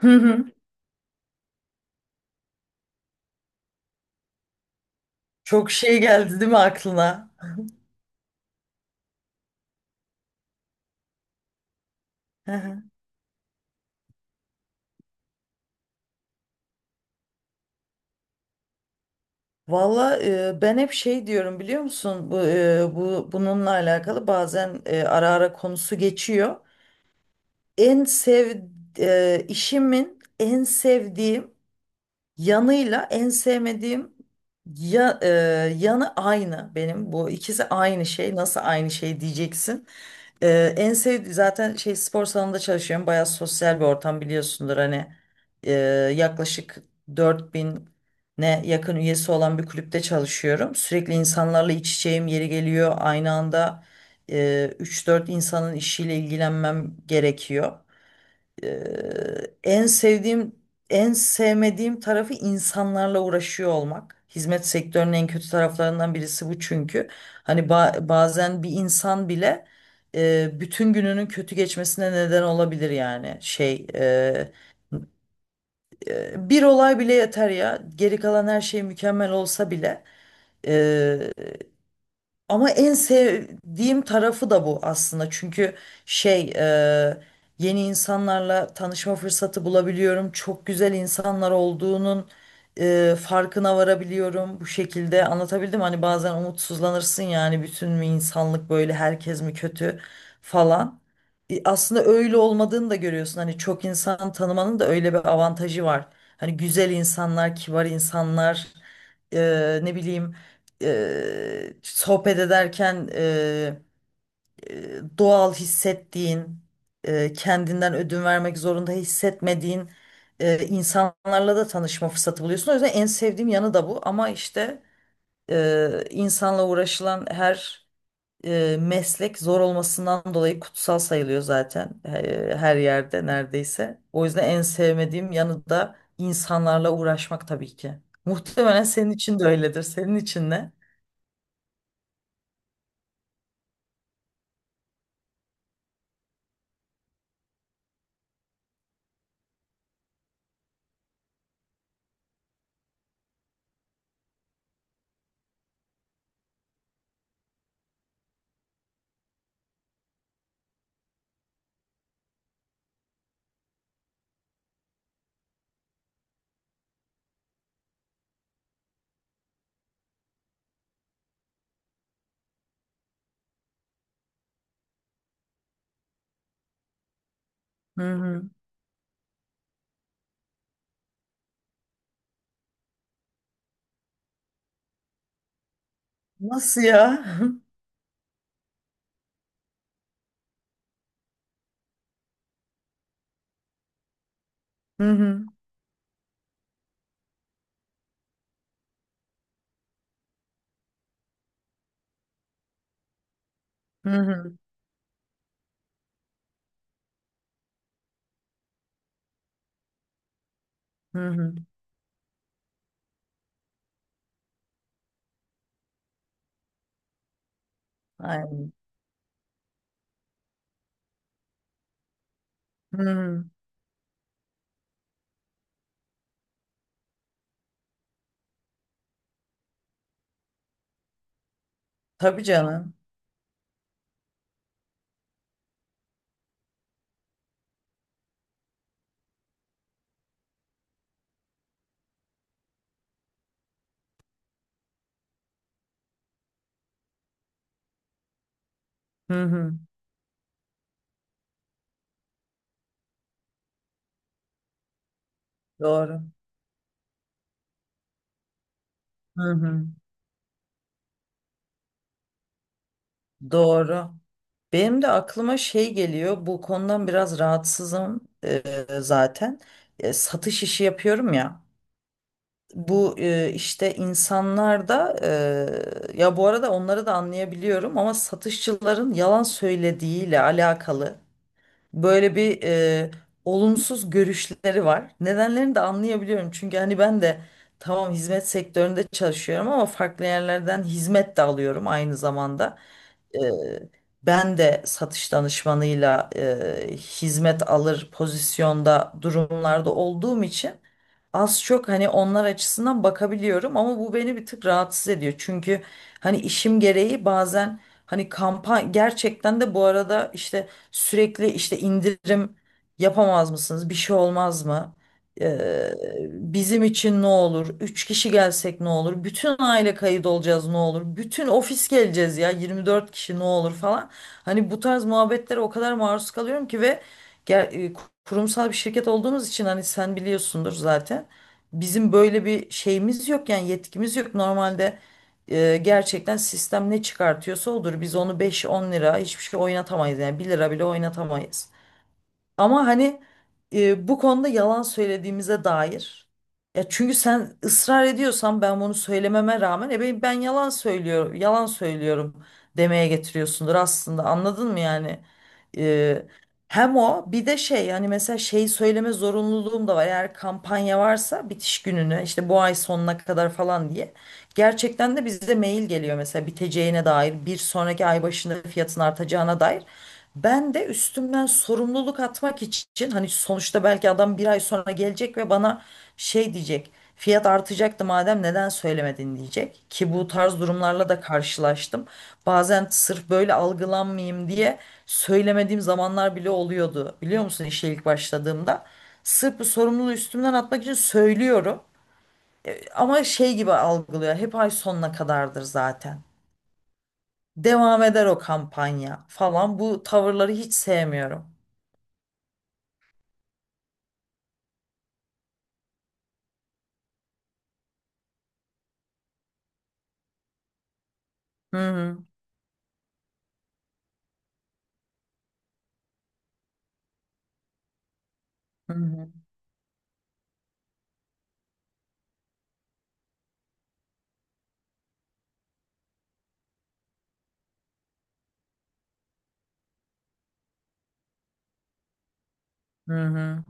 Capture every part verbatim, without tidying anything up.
Hı hı. Çok şey geldi değil mi aklına? Hı hı. Valla e, ben hep şey diyorum biliyor musun? Bu, e, bu bununla alakalı bazen e, ara ara konusu geçiyor. En sev e, işimin en sevdiğim Yanıyla en sevmediğim ya, e, yanı aynı benim. Bu ikisi aynı şey. Nasıl aynı şey diyeceksin. E, en sevdiğim zaten şey spor salonunda çalışıyorum. Bayağı sosyal bir ortam biliyorsundur. Hani e, yaklaşık dört bine ne yakın üyesi olan bir kulüpte çalışıyorum. Sürekli insanlarla iç içeyim yeri geliyor. Aynı anda e, üç dört insanın işiyle ilgilenmem gerekiyor. Eee, en sevdiğim, en sevmediğim tarafı insanlarla uğraşıyor olmak. Hizmet sektörünün en kötü taraflarından birisi bu çünkü. Hani ba- bazen bir insan bile eee, bütün gününün kötü geçmesine neden olabilir yani. Şey, eee, eee, bir olay bile yeter ya. Geri kalan her şey mükemmel olsa bile. Ama en sevdiğim tarafı da bu aslında. Çünkü şey e, yeni insanlarla tanışma fırsatı bulabiliyorum. Çok güzel insanlar olduğunun e, farkına varabiliyorum bu şekilde. Anlatabildim mi? hani bazen umutsuzlanırsın yani bütün mü insanlık böyle herkes mi kötü falan. E, aslında öyle olmadığını da görüyorsun. Hani çok insan tanımanın da öyle bir avantajı var. Hani güzel insanlar, kibar insanlar, e, ne bileyim eee, sohbet ederken eee, eee, doğal hissettiğin, eee, kendinden ödün vermek zorunda hissetmediğin eee, insanlarla da tanışma fırsatı buluyorsun. O yüzden en sevdiğim yanı da bu. Ama işte eee, insanla uğraşılan her eee, meslek zor olmasından dolayı kutsal sayılıyor zaten eee, her yerde neredeyse. O yüzden en sevmediğim yanı da insanlarla uğraşmak tabii ki. Muhtemelen senin için de öyledir. Senin için ne? Hı hı. Nasıl ya? Hı hı. Hı hı. Hı hı. Aynen. Hı hı. Tabii canım. Hı hı. Doğru. Hı hı. Doğru. Benim de aklıma şey geliyor. Bu konudan biraz rahatsızım e, zaten. E, satış işi yapıyorum ya. Bu e, işte insanlar da e, ya bu arada onları da anlayabiliyorum ama satışçıların yalan söylediğiyle alakalı böyle bir e, olumsuz görüşleri var. Nedenlerini de anlayabiliyorum. Çünkü hani ben de tamam hizmet sektöründe çalışıyorum ama farklı yerlerden hizmet de alıyorum aynı zamanda. E, ben de satış danışmanıyla e, hizmet alır pozisyonda durumlarda olduğum için az çok hani onlar açısından bakabiliyorum ama bu beni bir tık rahatsız ediyor. Çünkü hani işim gereği bazen hani kampanya gerçekten de bu arada işte sürekli işte indirim yapamaz mısınız? Bir şey olmaz mı? Ee, bizim için ne olur? Üç kişi gelsek ne olur? Bütün aile kayıt olacağız ne olur? Bütün ofis geleceğiz ya yirmi dört kişi ne olur falan. Hani bu tarz muhabbetlere o kadar maruz kalıyorum ki ve ger- e, kurumsal bir şirket olduğumuz için hani sen biliyorsundur zaten. Bizim böyle bir şeyimiz yok yani yetkimiz yok. Normalde e, gerçekten sistem ne çıkartıyorsa odur. Biz onu beş on lira hiçbir şey oynatamayız yani bir lira bile oynatamayız. Ama hani e, bu konuda yalan söylediğimize dair. Ya çünkü sen ısrar ediyorsan ben bunu söylememe rağmen e ben, ben yalan söylüyorum, yalan söylüyorum demeye getiriyorsundur aslında. Anladın mı yani? E, hem o bir de şey yani mesela şey söyleme zorunluluğum da var. Eğer kampanya varsa bitiş gününe işte bu ay sonuna kadar falan diye. Gerçekten de bize mail geliyor mesela biteceğine dair bir sonraki ay başında fiyatın artacağına dair. Ben de üstümden sorumluluk atmak için hani sonuçta belki adam bir ay sonra gelecek ve bana şey diyecek. Fiyat artacaktı madem neden söylemedin diyecek. Ki bu tarz durumlarla da karşılaştım. Bazen sırf böyle algılanmayayım diye söylemediğim zamanlar bile oluyordu. Biliyor musun işe ilk başladığımda. Sırf bu sorumluluğu üstümden atmak için söylüyorum. Ama şey gibi algılıyor. Hep ay sonuna kadardır zaten. Devam eder o kampanya falan. Bu tavırları hiç sevmiyorum. Hı hı. Hı hı. Hı hı.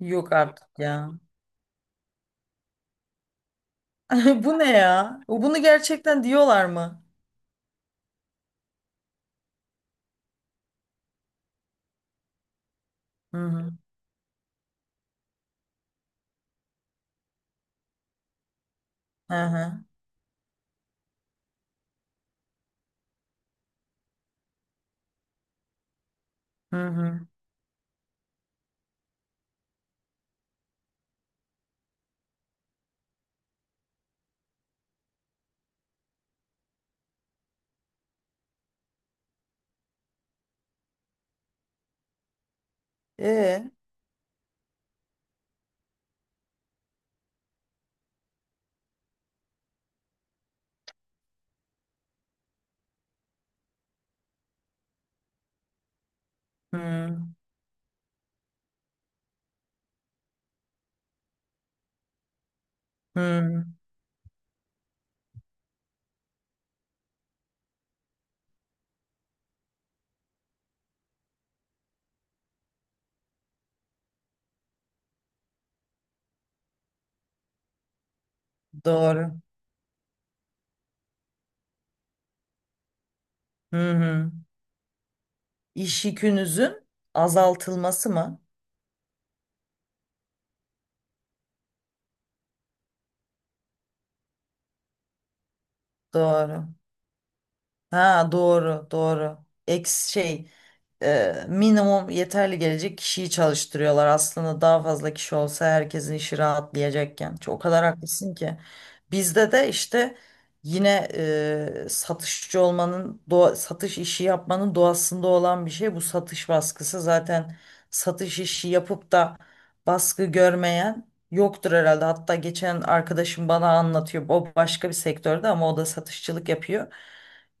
Yok artık ya. Bu ne ya? O bunu gerçekten diyorlar mı? Hı hı. Hı hı. Hı hı. E. Hı. Hı. Doğru. Hı hı. İş yükünüzün azaltılması mı? Doğru. Ha doğru doğru. Eks şey e, minimum yeterli gelecek kişiyi çalıştırıyorlar. Aslında daha fazla kişi olsa herkesin işi rahatlayacakken. Çok o kadar haklısın ki. Bizde de işte yine e, satışçı olmanın doğa, satış işi yapmanın doğasında olan bir şey bu satış baskısı. Zaten satış işi yapıp da baskı görmeyen yoktur herhalde. Hatta geçen arkadaşım bana anlatıyor. O başka bir sektörde ama o da satışçılık yapıyor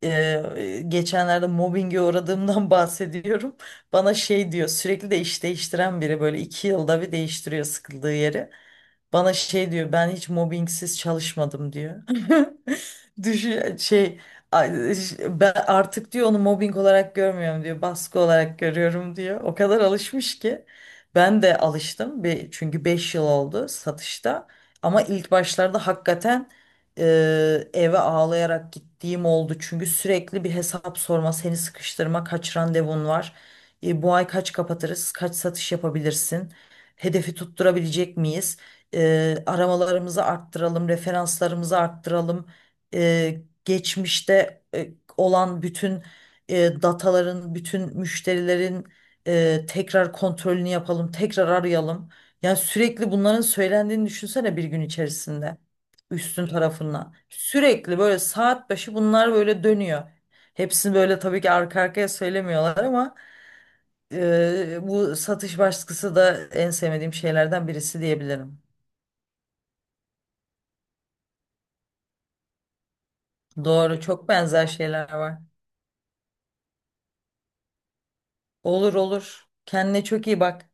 e, geçenlerde mobbinge uğradığımdan bahsediyorum. Bana şey diyor sürekli de iş değiştiren biri böyle iki yılda bir değiştiriyor sıkıldığı yeri. Bana şey diyor ben hiç mobbingsiz çalışmadım diyor. Düşün şey ay- ben artık diyor onu mobbing olarak görmüyorum diyor baskı olarak görüyorum diyor. O kadar alışmış ki ben de alıştım bir, çünkü beş yıl oldu satışta ama ilk başlarda hakikaten Eee, eve ağlayarak gittiğim oldu. Çünkü sürekli bir hesap sorma, seni sıkıştırma, kaç randevun var, E, bu ay kaç kapatırız, kaç satış yapabilirsin, hedefi tutturabilecek miyiz, Eee, aramalarımızı arttıralım, referanslarımızı arttıralım, Eee, geçmişte e, olan bütün e, dataların, bütün müşterilerin e, tekrar kontrolünü yapalım, tekrar arayalım. Yani sürekli bunların söylendiğini düşünsene bir gün içerisinde üstün tarafından. Sürekli böyle saat başı bunlar böyle dönüyor. Hepsini böyle tabii ki arka arkaya söylemiyorlar ama e, bu satış baskısı da en sevmediğim şeylerden birisi diyebilirim. Doğru, çok benzer şeyler var. Olur olur. Kendine çok iyi bak.